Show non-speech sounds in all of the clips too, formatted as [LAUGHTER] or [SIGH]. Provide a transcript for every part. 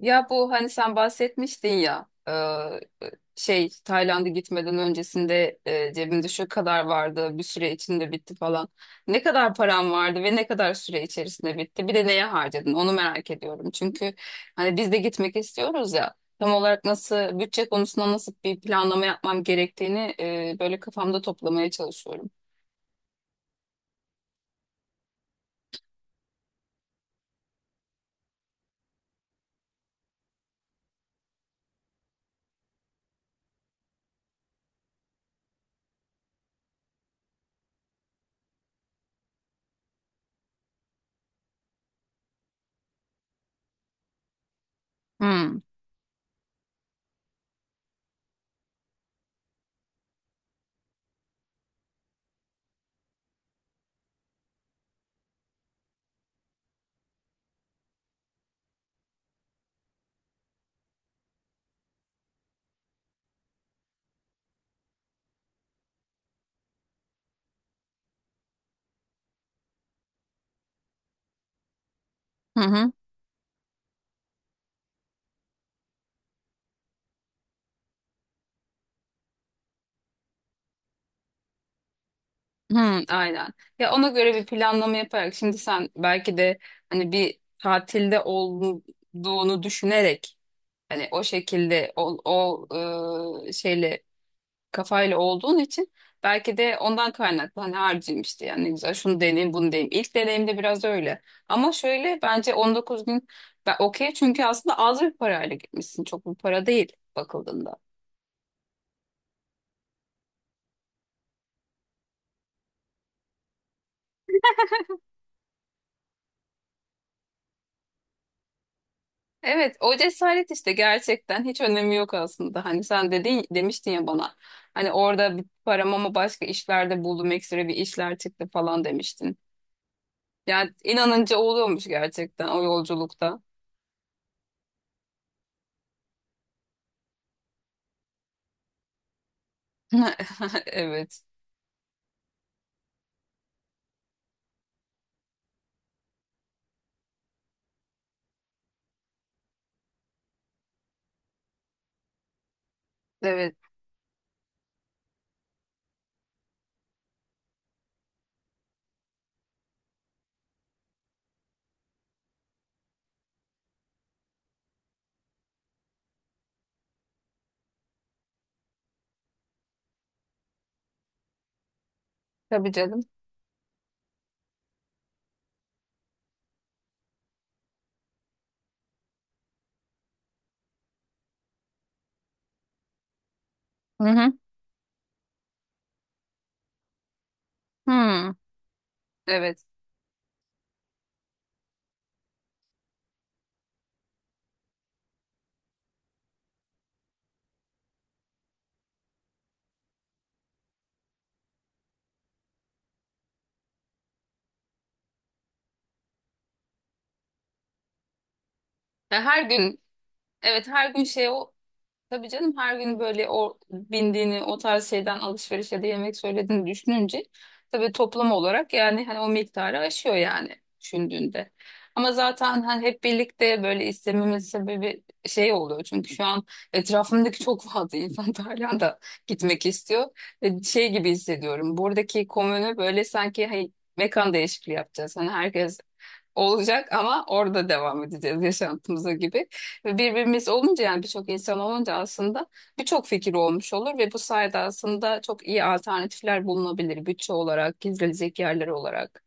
Ya bu hani sen bahsetmiştin ya, şey Tayland'a gitmeden öncesinde, cebimde şu kadar vardı bir süre içinde bitti falan. Ne kadar param vardı ve ne kadar süre içerisinde bitti? Bir de neye harcadın? Onu merak ediyorum. Çünkü hani biz de gitmek istiyoruz ya, tam olarak nasıl, bütçe konusunda nasıl bir planlama yapmam gerektiğini böyle kafamda toplamaya çalışıyorum. Hmm. Hı hı. Hı, aynen. Ya ona göre bir planlama yaparak, şimdi sen belki de hani bir tatilde olduğunu düşünerek, hani o şekilde o şeyle kafayla olduğun için belki de ondan kaynaklı hani harcayayım işte, yani ne güzel, şunu deneyim bunu deneyim. İlk deneyimde biraz öyle. Ama şöyle, bence 19 gün ben okey, çünkü aslında az bir parayla gitmişsin. Çok bir para değil bakıldığında. Evet, o cesaret işte, gerçekten hiç önemi yok aslında. Hani sen dedin, demiştin ya bana. Hani orada bir param, ama başka işlerde buldum, ekstra bir işler çıktı falan demiştin. Yani inanınca oluyormuş gerçekten o yolculukta. [LAUGHS] Evet. Evet. Tabii canım. Hı hı. Hı. Evet. Ya her gün, evet her gün şey o. Tabii canım, her gün böyle o bindiğini, o tarz şeyden alışveriş ya da yemek söylediğini düşününce tabii toplam olarak yani hani o miktarı aşıyor yani düşündüğünde. Ama zaten hani hep birlikte böyle istememin sebebi şey oluyor. Çünkü şu an etrafımdaki çok fazla insan [LAUGHS] Tayland'a gitmek istiyor. Ve şey gibi hissediyorum. Buradaki komünü böyle sanki, hey, mekan değişikliği yapacağız. Hani herkes olacak ama orada devam edeceğiz yaşantımıza gibi. Ve birbirimiz olunca, yani birçok insan olunca aslında birçok fikir olmuş olur ve bu sayede aslında çok iyi alternatifler bulunabilir, bütçe olarak, gezilecek yerler olarak.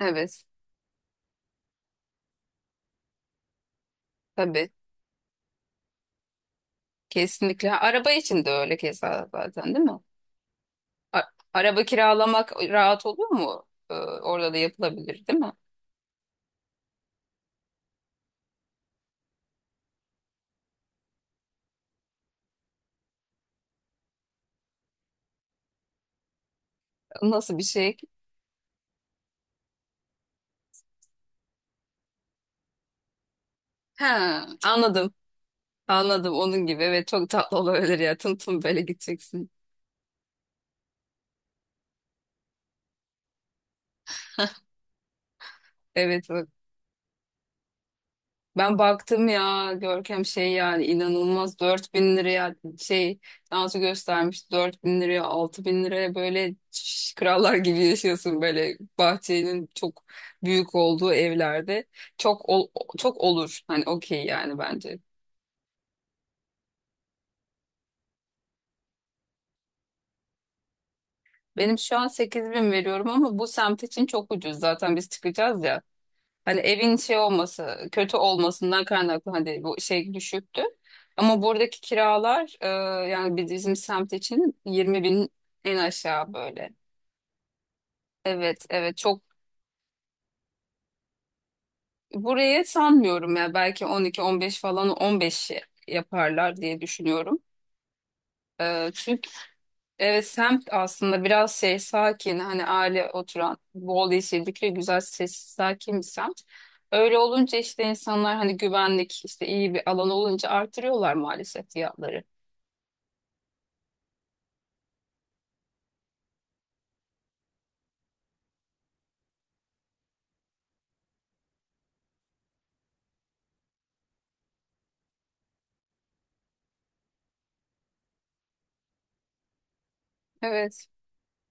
Evet, tabii. Kesinlikle. Ha, araba için de öyle keza, zaten değil mi? A- Araba kiralamak rahat olur mu? Orada da yapılabilir değil mi? Nasıl bir şey? Ha, anladım. Anladım, onun gibi. Evet, çok tatlı olabilir ya. Tım tım böyle gideceksin. Evet bak. Ben baktım ya Görkem, şey yani inanılmaz, 4.000 liraya şey dansı göstermiş, 4.000 liraya, 6.000 liraya, böyle şş, krallar gibi yaşıyorsun, böyle bahçenin çok büyük olduğu evlerde çok ol- çok olur, hani okey yani bence. Benim şu an 8.000 veriyorum ama bu semt için çok ucuz, zaten biz çıkacağız ya. Hani evin şey olması, kötü olmasından kaynaklı hani bu şey düşüktü. Ama buradaki kiralar, yani bizim semt için 20 bin en aşağı böyle. Evet, evet çok. Buraya sanmıyorum ya, belki 12-15 falan, 15 yaparlar diye düşünüyorum. E, Evet, semt aslında biraz şey, sakin, hani aile oturan, bol yeşillikle güzel, sessiz sakin bir semt. Öyle olunca işte insanlar hani, güvenlik işte, iyi bir alan olunca artırıyorlar maalesef fiyatları. Evet.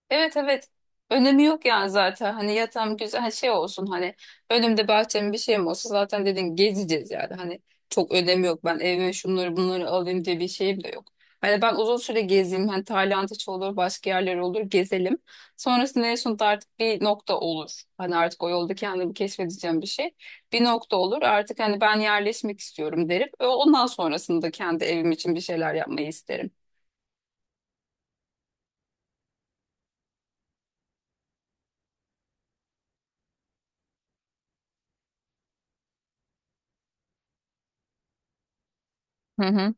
Evet evet. Önemi yok yani zaten. Hani yatağım güzel, hani şey olsun, hani önümde bahçem, bir şeyim olsa zaten, dedin gezeceğiz yani. Hani çok önemi yok. Ben evime şunları bunları alayım diye bir şeyim de yok. Hani ben uzun süre gezeyim. Hani Tayland hiç olur, başka yerler olur, gezelim. Sonrasında en sonunda artık bir nokta olur. Hani artık o yolda kendimi keşfedeceğim bir şey. Bir nokta olur. Artık hani ben yerleşmek istiyorum derim. Ve ondan sonrasında kendi evim için bir şeyler yapmayı isterim. Hı hı.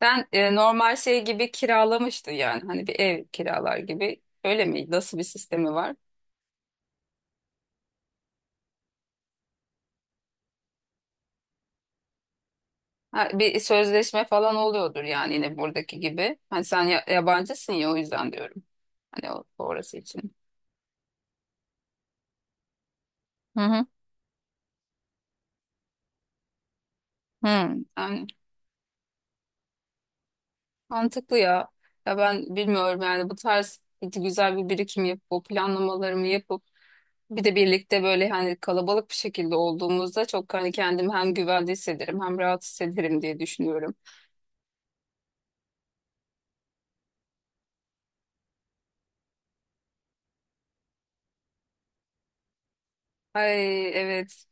Sen normal şey gibi kiralamıştın yani, hani bir ev kiralar gibi, öyle mi? Nasıl bir sistemi var? Ha, bir sözleşme falan oluyordur yani, yine buradaki gibi. Hani sen yabancısın ya, o yüzden diyorum. Hani o, orası için. Hı hı. Hı. Yani mantıklı ya. Ya ben bilmiyorum yani, bu tarz güzel bir birikim yapıp, o planlamalarımı yapıp, bir de birlikte böyle hani kalabalık bir şekilde olduğumuzda çok hani kendimi hem güvende hissederim, hem rahat hissederim diye düşünüyorum. Ay evet.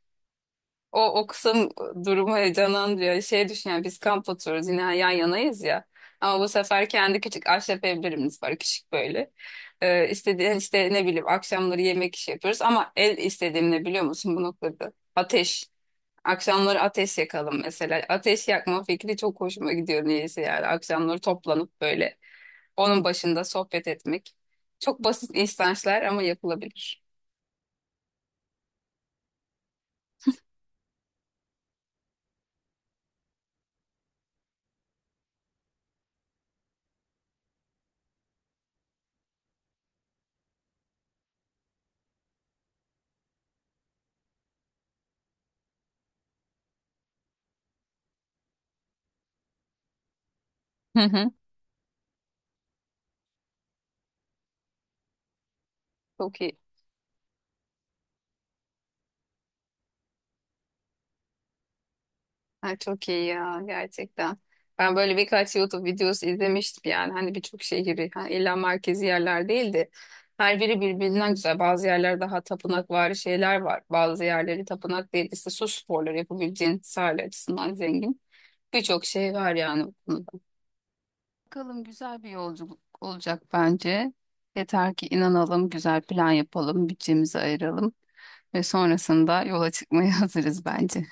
O kısım durumu heyecanlandırıyor. Şey düşün, yani biz kamp oturuyoruz, yine yan yanayız ya. Ama bu sefer kendi küçük ahşap evlerimiz var, küçük böyle. İstediğin işte, ne bileyim, akşamları yemek işi yapıyoruz. Ama el istediğim ne biliyor musun bu noktada? Ateş. Akşamları ateş yakalım mesela. Ateş yakma fikri çok hoşuma gidiyor niyeyse yani. Akşamları toplanıp böyle onun başında sohbet etmek. Çok basit instançlar ama yapılabilir. Hı hı. Çok iyi. Ha, çok iyi ya gerçekten. Ben böyle birkaç YouTube videosu izlemiştim yani, hani birçok şehri, hani illa merkezi yerler değildi. Her biri birbirinden güzel. Bazı yerler daha tapınakvari şeyler var. Bazı yerleri tapınak değil, işte su sporları yapabileceğin, sahil açısından zengin. Birçok şey var yani bu konuda. Bakalım, güzel bir yolculuk olacak bence. Yeter ki inanalım, güzel plan yapalım, bütçemizi ayıralım ve sonrasında yola çıkmaya [LAUGHS] hazırız bence.